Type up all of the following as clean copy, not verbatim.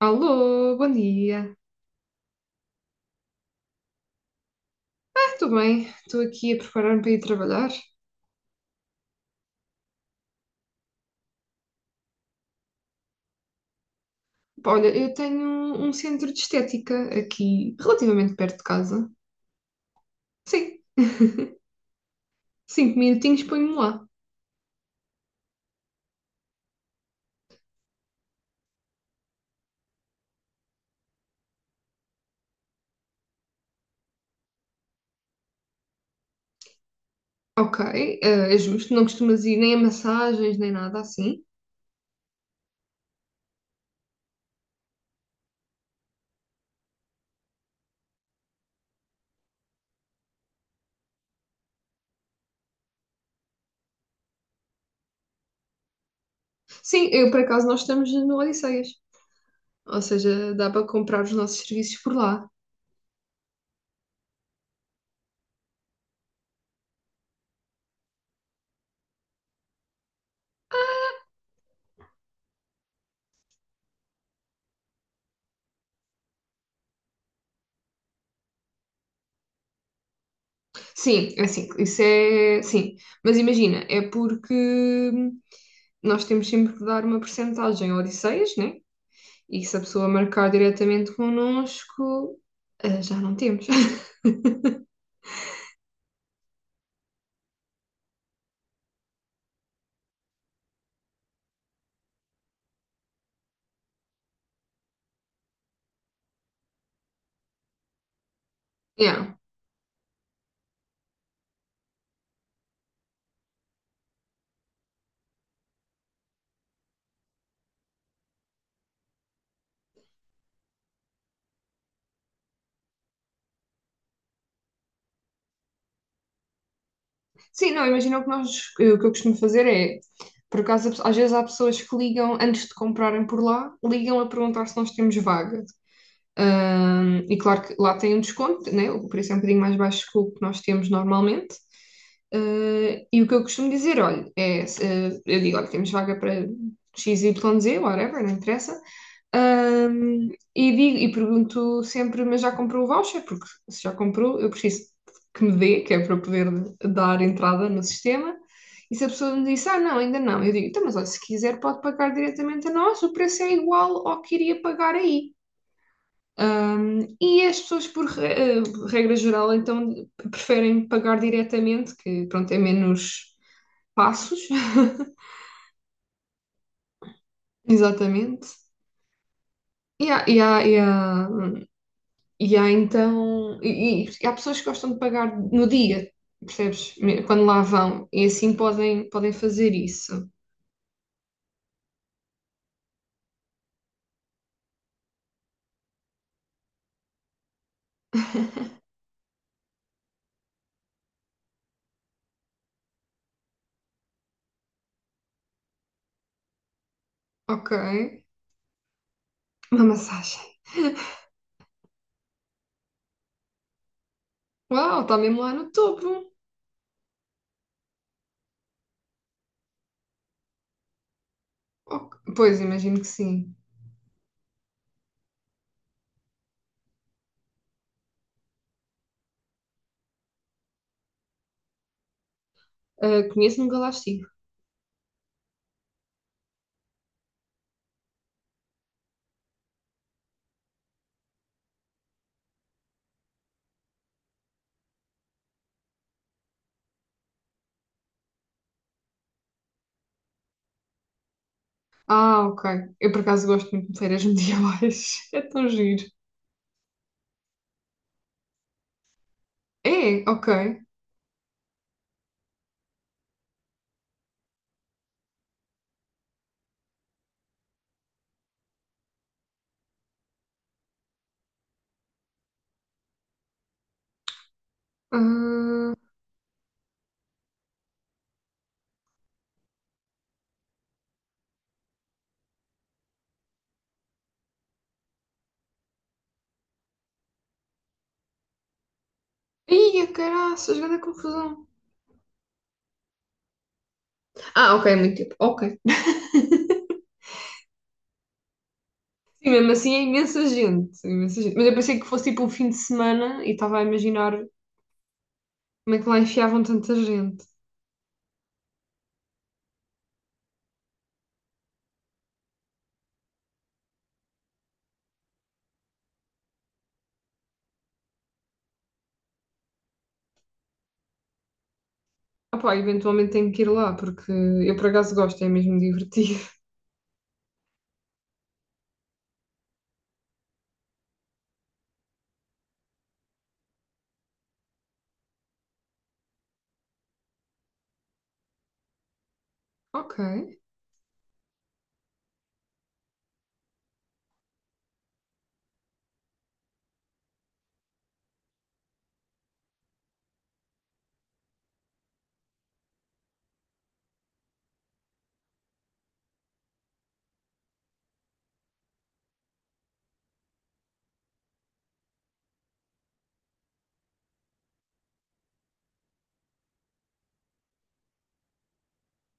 Alô, bom dia. Ah, estou bem, estou aqui a preparar-me para ir trabalhar. Pá, olha, eu tenho um centro de estética aqui, relativamente perto de casa. Sim, cinco minutinhos ponho-me lá. Ok, é justo, não costumas ir nem a massagens, nem nada assim. Sim, eu por acaso nós estamos no Odisseias, ou seja, dá para comprar os nossos serviços por lá. Sim, é assim, isso é. Sim, mas imagina, é porque nós temos sempre que dar uma percentagem ao Odisseias, né? E se a pessoa marcar diretamente connosco, já não temos. Yeah. Sim, não, imagina o que nós, o que eu costumo fazer é, por acaso, às vezes há pessoas que ligam antes de comprarem por lá, ligam a perguntar se nós temos vaga. E claro que lá tem um desconto, né? O preço é um bocadinho mais baixo que o que nós temos normalmente. Ah, e o que eu costumo dizer, olha, é, eu digo, olha, temos vaga para X Y, XYZ, whatever, não interessa. Ahm, e digo, e pergunto sempre, mas já comprou o voucher? Porque se já comprou, eu preciso que me dê, que é para eu poder dar entrada no sistema. E se a pessoa me disse, ah, não, ainda não, eu digo, então, mas olha, se quiser pode pagar diretamente a nós, o preço é igual ao que iria pagar aí. Um, e as pessoas, regra geral, então preferem pagar diretamente, que pronto, é menos passos, exatamente. E há, e há, e há, e há então, e há pessoas que gostam de pagar no dia, percebes? Quando lá vão, e assim podem, podem fazer isso. Ok, uma massagem. Uau, está mesmo lá no topo. Ok, pois, imagino que sim. Ah, conheço-me um galástico. Ah, ok. Eu por acaso gosto muito de feiras medievais. É tão giro. É, ok. Ah, ia, caraças, grande confusão. Ah, ok, muito tempo. Ok. Sim, mesmo assim é imensa gente. É imensa gente. Mas eu pensei que fosse tipo um fim de semana e estava a imaginar como é que lá enfiavam tanta gente. Ah, pá, eventualmente tenho que ir lá porque eu por acaso gosto, é mesmo divertido. Ok,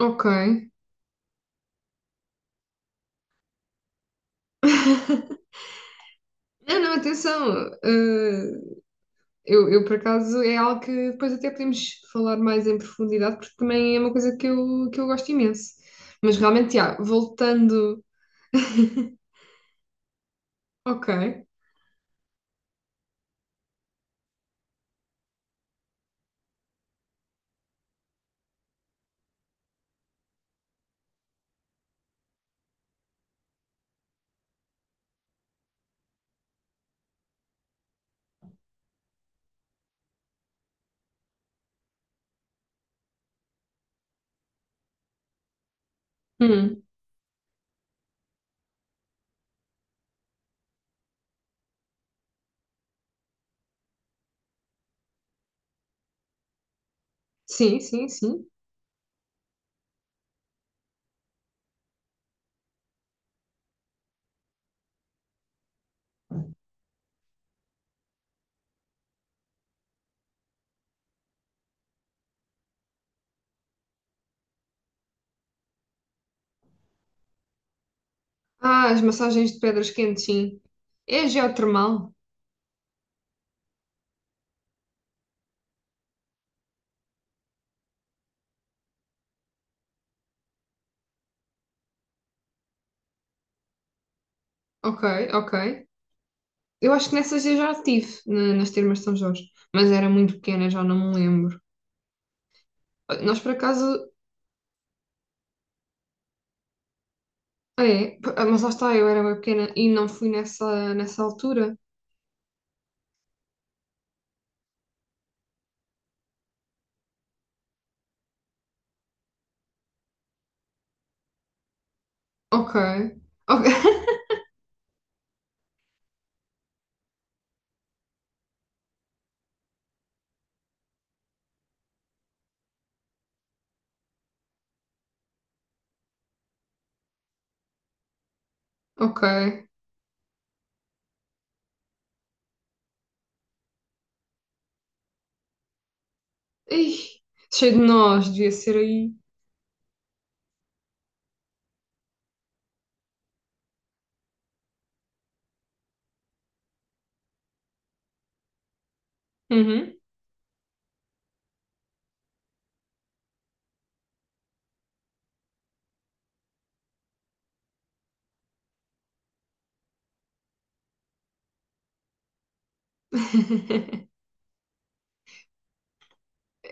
ok. Não, não, atenção. Ah, eu, por acaso, é algo que depois até podemos falar mais em profundidade, porque também é uma coisa que eu gosto imenso. Mas realmente, já, voltando. Ok. Hum. Sim, sim, sim. Ah, as massagens de pedras quentes, sim. É geotermal. Ok, ok. Eu acho que nessas eu já tive, nas termas de São Jorge. Mas era muito pequena, já não me lembro. Nós, por acaso. Ah, é, mas lá está, eu era bem pequena e não fui nessa, nessa altura. Ok. Ok. Ok. Ih, cheio de nós, devia ser aí. Uhum.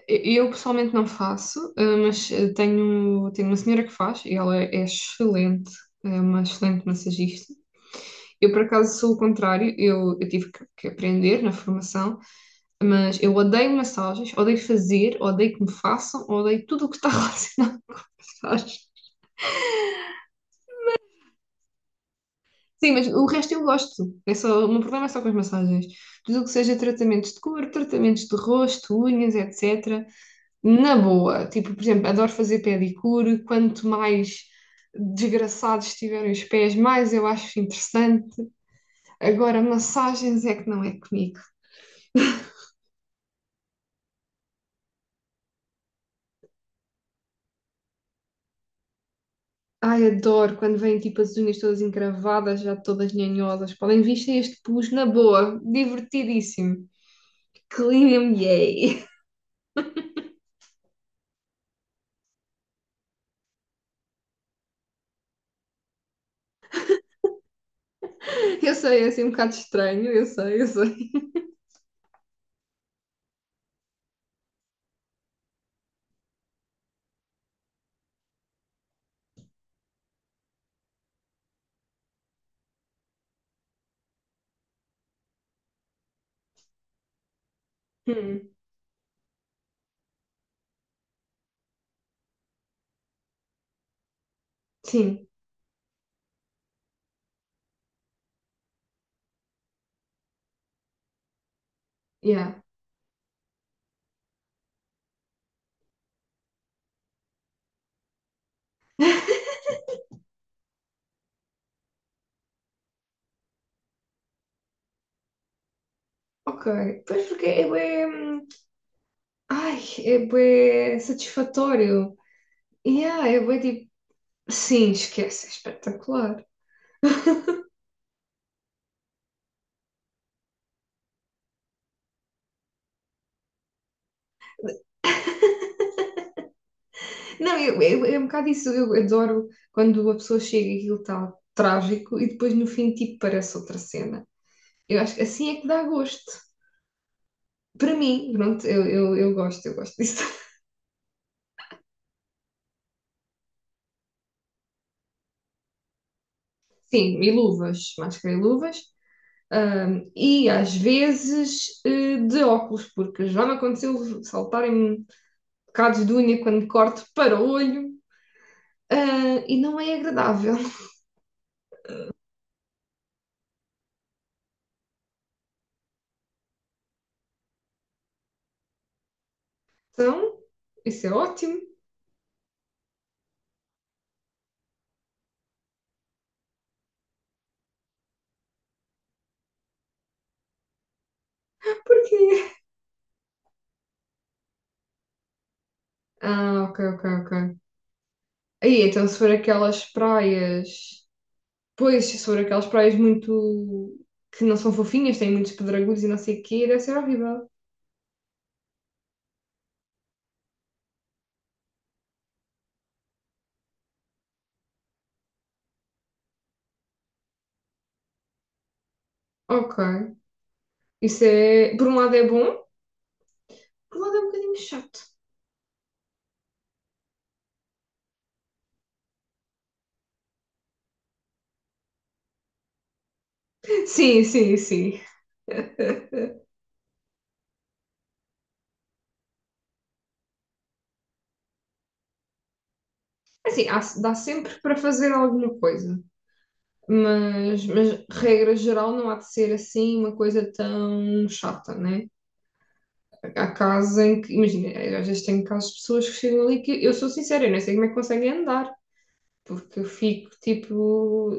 Eu eu pessoalmente não faço, mas tenho uma senhora que faz e ela é excelente, é uma excelente massagista. Eu, por acaso, sou o contrário, eu tive que aprender na formação, mas eu odeio massagens, odeio fazer, odeio que me façam, odeio tudo o que está relacionado com massagens. Sim, mas o resto eu gosto, é só, o meu problema é só com as massagens. Tudo o que seja tratamentos de cor, tratamentos de rosto, unhas, etc. Na boa, tipo, por exemplo, adoro fazer pedicure. Quanto mais desgraçados estiverem os pés, mais eu acho interessante. Agora, massagens é que não é comigo. Ai, adoro quando vêm tipo as unhas todas encravadas, já todas nhanhosas. Podem vestir este pus na boa, divertidíssimo. Clean and yay. Eu sei, é assim um bocado estranho, eu sei, eu sei. Hum, sim, yeah. Ok, pois porque é bué, ai, é bué satisfatório. Yeah, é bué tipo, sim, esquece, é espetacular. Não, eu, é um bocado isso, eu adoro quando a pessoa chega e aquilo está trágico e depois no fim tipo parece outra cena. Eu acho que assim é que dá gosto. Para mim, pronto, eu gosto, eu gosto disso. Sim, e luvas, máscara e luvas. E às vezes de óculos, porque já me aconteceu saltarem bocados de unha quando corto para o olho, ah, e não é agradável. Então, isso é ótimo. Porquê? Ah, ok, ok, ok. Aí, então se for aquelas praias. Pois, se for aquelas praias muito. Que não são fofinhas, têm muitos pedregulhos e não sei o quê, deve ser horrível. Ok. Isso é. Por um lado é bom, por um lado é um bocadinho chato. Sim, sim, sim. Assim, dá sempre para fazer alguma coisa. Mas, regra geral, não há de ser assim uma coisa tão chata, né? Há casos em que, imagina, às vezes tenho casos de pessoas que chegam ali que eu sou sincera, eu não sei como é que conseguem andar. Porque eu fico tipo.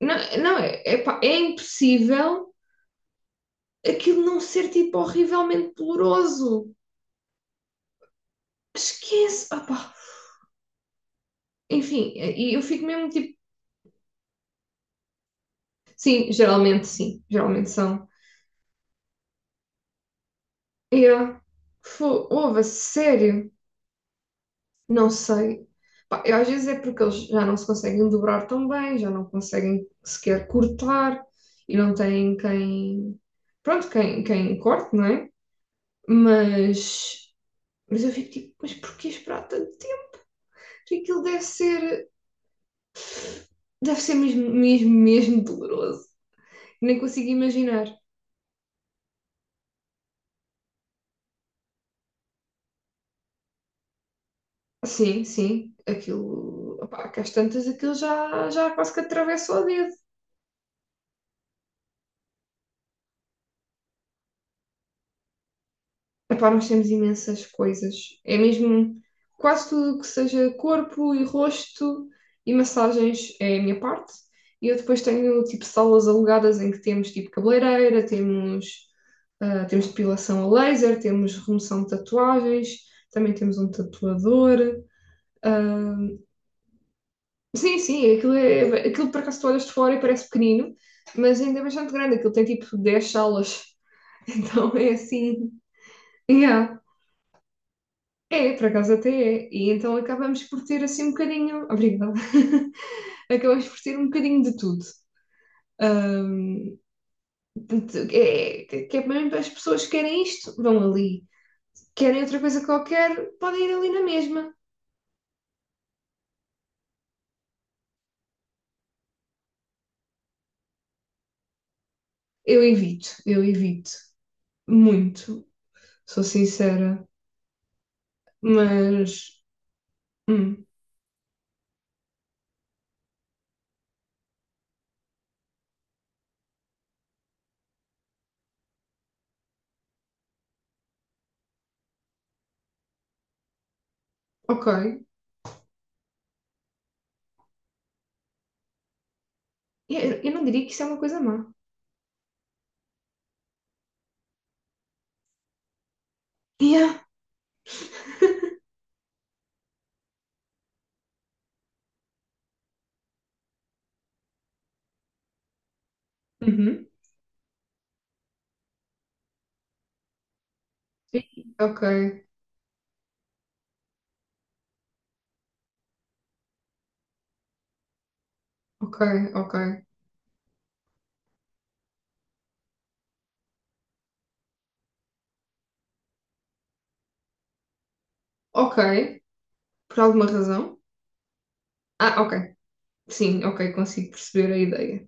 Não, não é, é, é impossível aquilo não ser tipo horrivelmente doloroso. Esquece! Ah, enfim, e eu fico mesmo tipo. Sim, geralmente são. Yeah. Houve, sério? Não sei. Pá, eu, às vezes é porque eles já não se conseguem dobrar tão bem, já não conseguem sequer cortar e não têm quem. Pronto, quem, quem corte, não é? Mas Mas eu fico tipo, mas porquê esperar tanto tempo? Aquilo deve ser mesmo, mesmo, mesmo doloroso. Nem consigo imaginar. Sim, sim, aquilo, opá, que às tantas aquilo já, já quase que atravessa o dedo. Epá, nós temos imensas coisas. É mesmo quase tudo que seja corpo e rosto e massagens é a minha parte. E eu depois tenho tipo salas alugadas em que temos tipo cabeleireira, temos, ah, temos depilação a laser, temos remoção de tatuagens, também temos um tatuador. Ah, sim, sim, aquilo, é, aquilo por acaso tu olhas de fora e parece pequenino, mas ainda é bastante grande, aquilo tem tipo 10 salas. Então é assim. Yeah. É, por acaso até é. E então acabamos por ter assim um bocadinho. Obrigada. Acabamos por ter um bocadinho de tudo. Ahm, Portanto, é, que é mesmo as pessoas que querem isto, vão ali. Querem outra coisa qualquer, podem ir ali na mesma. Eu evito, eu evito. Muito, sou sincera. Mas, hum, ok. Eu não diria que isso é uma coisa má. Yeah. Uhum. Ok, ok, ok. Ok. Por alguma razão. Ah, ok. Sim, ok, consigo perceber a ideia.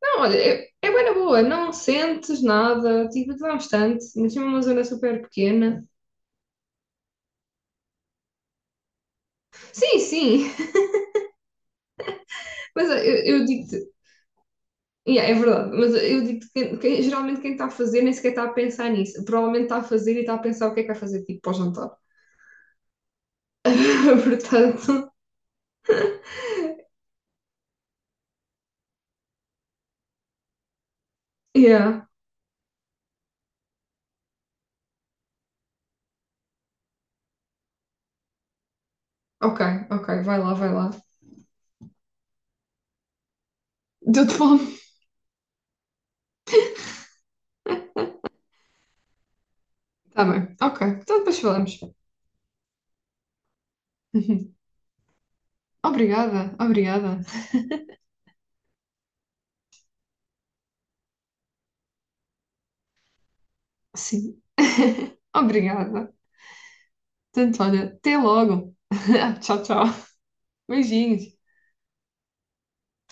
Não, olha, é, é bué na boa, não sentes nada, tipo, dá bastante, mas é uma zona super pequena. Sim, sim, mas eu digo-te, yeah, é verdade, mas eu digo-te que geralmente quem está a fazer nem sequer está a pensar nisso, provavelmente está a fazer e está a pensar o que é que vai fazer, tipo, para o jantar. Portanto, yeah, ok, ok, vai lá, vai lá. Deu-te fome? Tá bem, ok, então depois falamos. Obrigada, obrigada. Sim, obrigada. Tanto, olha, até logo. Tchau, tchau. Beijinhos.